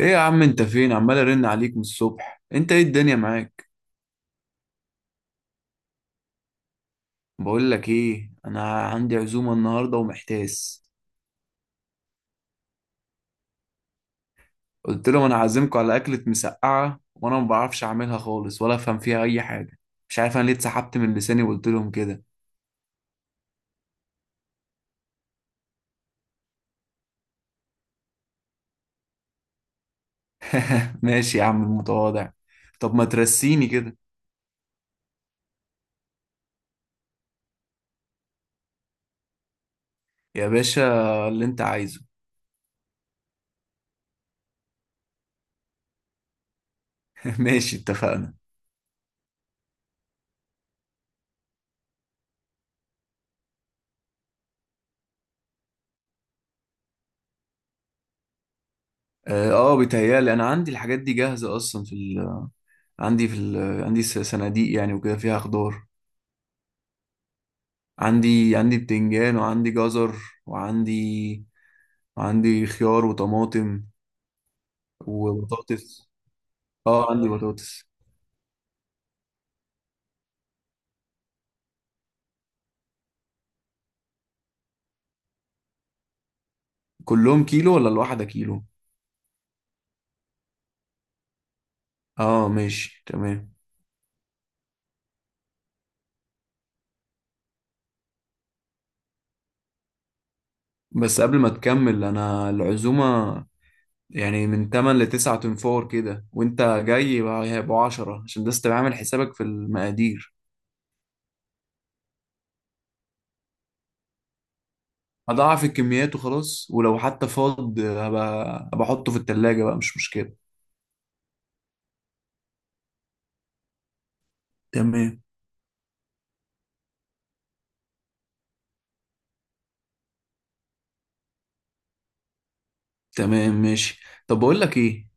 ايه يا عم، انت فين؟ عمال ارن عليك من الصبح. انت ايه الدنيا معاك؟ بقول لك ايه، انا عندي عزومه النهارده ومحتاس. قلت لهم انا عازمكم على اكله مسقعه وانا ما بعرفش اعملها خالص ولا افهم فيها اي حاجه. مش عارف انا ليه اتسحبت من لساني وقلت لهم كده. ماشي يا عم المتواضع. طب ما ترسيني كده. يا باشا، اللي انت عايزه. ماشي، اتفقنا. بيتهيالي انا عندي الحاجات دي جاهزه اصلا في عندي في عندي صناديق يعني وكده فيها خضار. عندي بتنجان وعندي جزر وعندي وعندي خيار وطماطم. وبطاطس، اه عندي بطاطس. كلهم كيلو ولا الواحدة كيلو؟ اه ماشي تمام. بس قبل ما تكمل، انا العزومة يعني من 8 ل 9، تنفور كده وانت جاي هيبقوا 10، عشان بس تبقى عامل حسابك في المقادير. هضاعف الكميات وخلاص، ولو حتى فاض هبقى احطه في التلاجة بقى، مش مشكلة. تمام. تمام ماشي. طب بقول لك ايه،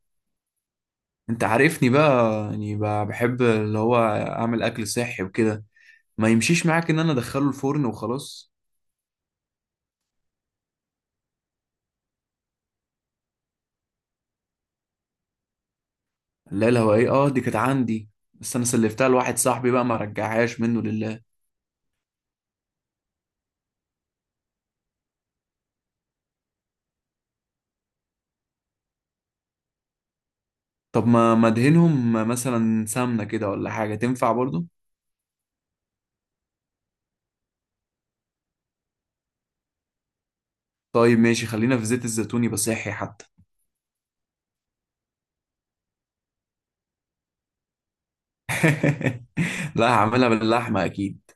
انت عارفني بقى يعني بحب اللي هو اعمل اكل صحي وكده، ما يمشيش معاك ان انا ادخله الفرن وخلاص. لا الهوائية اه دي كانت عندي، بس انا سلفتها لواحد صاحبي بقى ما رجعهاش منه لله. طب ما ادهنهم مثلا سمنة كده ولا حاجة؟ تنفع برضو؟ طيب ماشي، خلينا في زيت الزيتون، يبقى صحي حتى. لا هعملها باللحمة اكيد.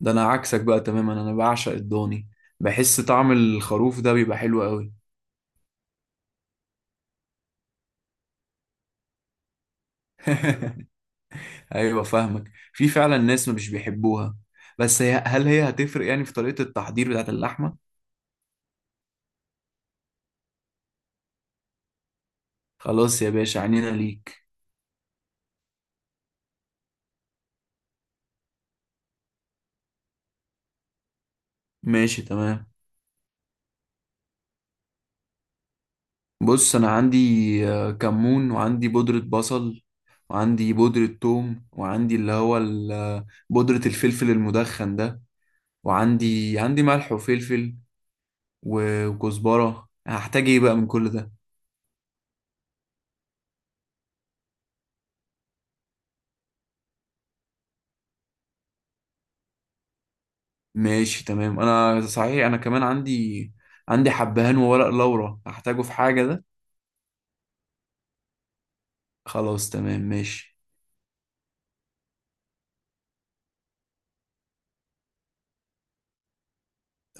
ده انا عكسك بقى تماما، انا بعشق الضاني. بحس طعم الخروف ده بيبقى حلو قوي. ايوه فاهمك، في فعلا ناس مش بيحبوها. بس هي هل هتفرق يعني في طريقة التحضير بتاعت اللحمة؟ خلاص يا باشا، عنينا ليك. ماشي تمام. بص انا عندي كمون وعندي بودرة بصل وعندي بودرة ثوم وعندي اللي هو بودرة الفلفل المدخن ده. وعندي ملح وفلفل وكزبرة. هحتاج ايه بقى من كل ده؟ ماشي تمام. انا صحيح انا كمان عندي، عندي حبهان وورق لورا، هحتاجه في حاجة ده؟ خلاص تمام ماشي.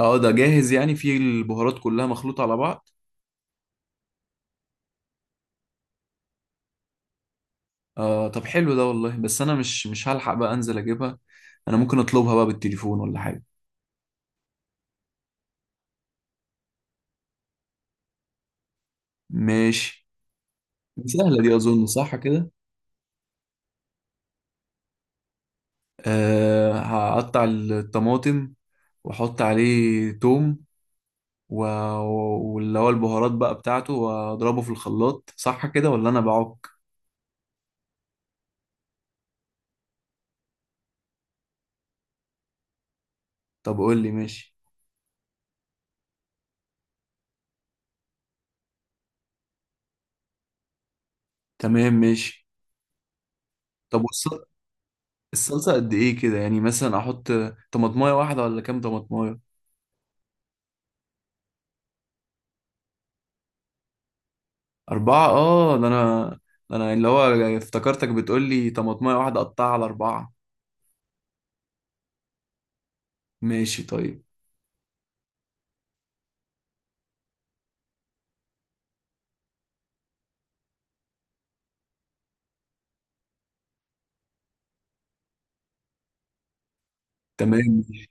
اه ده جاهز يعني، فيه البهارات كلها مخلوطة على بعض. آه طب حلو ده والله، بس انا مش هلحق بقى انزل اجيبها. انا ممكن اطلبها بقى بالتليفون ولا حاجة؟ ماشي. سهلة دي اظن، صح كده؟ آه هقطع الطماطم واحط عليه توم و... واللي هو البهارات بقى بتاعته واضربه في الخلاط، صح كده ولا انا بعك؟ طب قول لي. ماشي تمام ماشي. طب الصلصة قد ايه كده، يعني مثلا احط طماطمايه واحدة ولا كام طماطمايه؟ أربعة؟ آه ده أنا، ده أنا اللي هو افتكرتك بتقول لي طماطمية واحدة أقطعها على أربعة. ماشي طيب. تمام ماشي.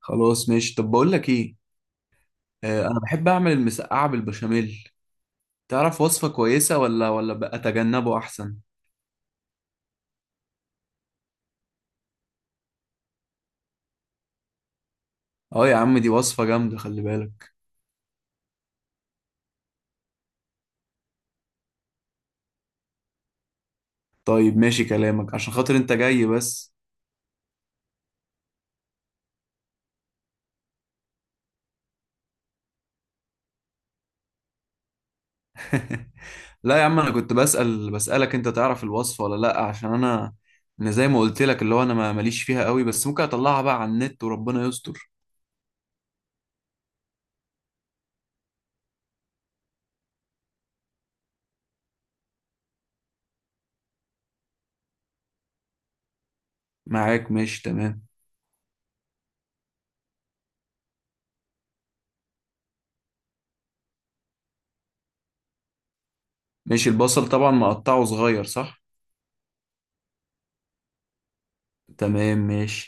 خلاص ماشي. طب بقول لك إيه، آه أنا بحب أعمل المسقعة بالبشاميل، تعرف وصفة كويسة ولا بقى أتجنبه أحسن؟ آه يا عم دي وصفة جامدة، خلي بالك. طيب ماشي كلامك، عشان خاطر أنت جاي بس. لا يا عم، أنا كنت بسأل، بسألك أنت تعرف الوصفة ولا لأ، عشان أنا، أنا زي ما قلت لك اللي هو أنا ماليش فيها قوي، بس ممكن أطلعها بقى على النت وربنا يستر. معاك ماشي تمام. ماشي. البصل طبعا مقطعه صغير، صح؟ تمام ماشي.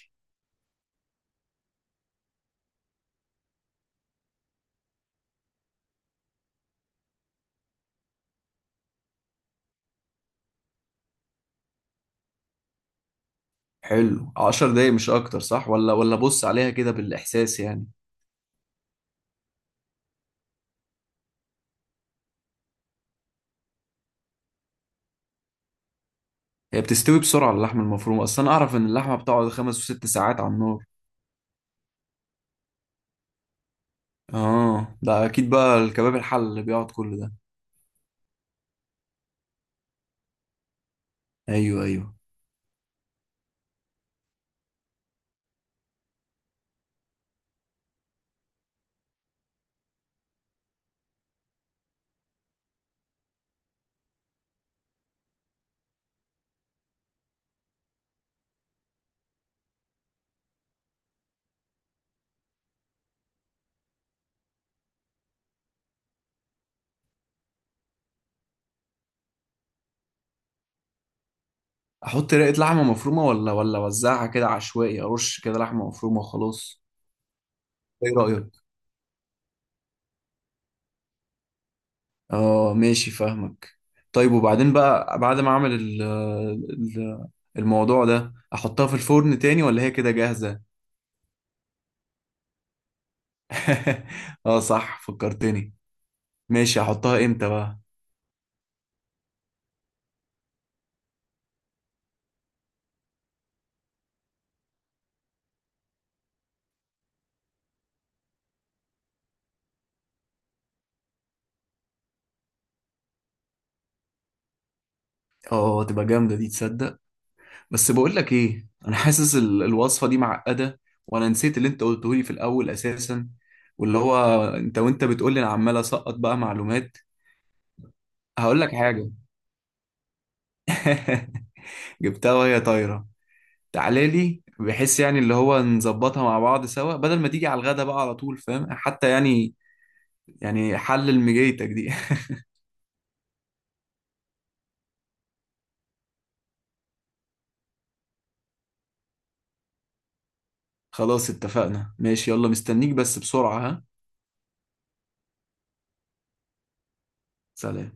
حلو، عشر دقايق مش اكتر، صح ولا بص عليها كده بالاحساس يعني؟ هي بتستوي بسرعة اللحمة المفرومة اصلا، اعرف ان اللحمة بتقعد خمس وست ساعات على النار. اه ده اكيد بقى الكباب الحل اللي بيقعد كل ده. ايوه ايوه. احط رقة لحمة مفرومة ولا اوزعها كده عشوائي، ارش كده لحمة مفرومة وخلاص؟ ايه رأيك؟ اه ماشي فاهمك. طيب وبعدين بقى بعد ما اعمل ال- الموضوع ده، احطها في الفرن تاني ولا هي كده جاهزة؟ اه صح فكرتني. ماشي احطها امتى بقى؟ اه تبقى جامدة دي تصدق. بس بقول لك ايه، انا حاسس الوصفة دي معقدة، وانا نسيت اللي انت قلته لي في الاول اساسا، واللي هو انت وانت بتقول لي انا عمال اسقط بقى معلومات. هقول لك حاجة. جبتها وهي طايرة. تعالى لي بحيث يعني اللي هو نظبطها مع بعض سوا، بدل ما تيجي على الغدا بقى على طول، فاهم حتى يعني، يعني حلل مجيتك دي. خلاص اتفقنا ماشي، يلا مستنيك بس بسرعة ها. سلام.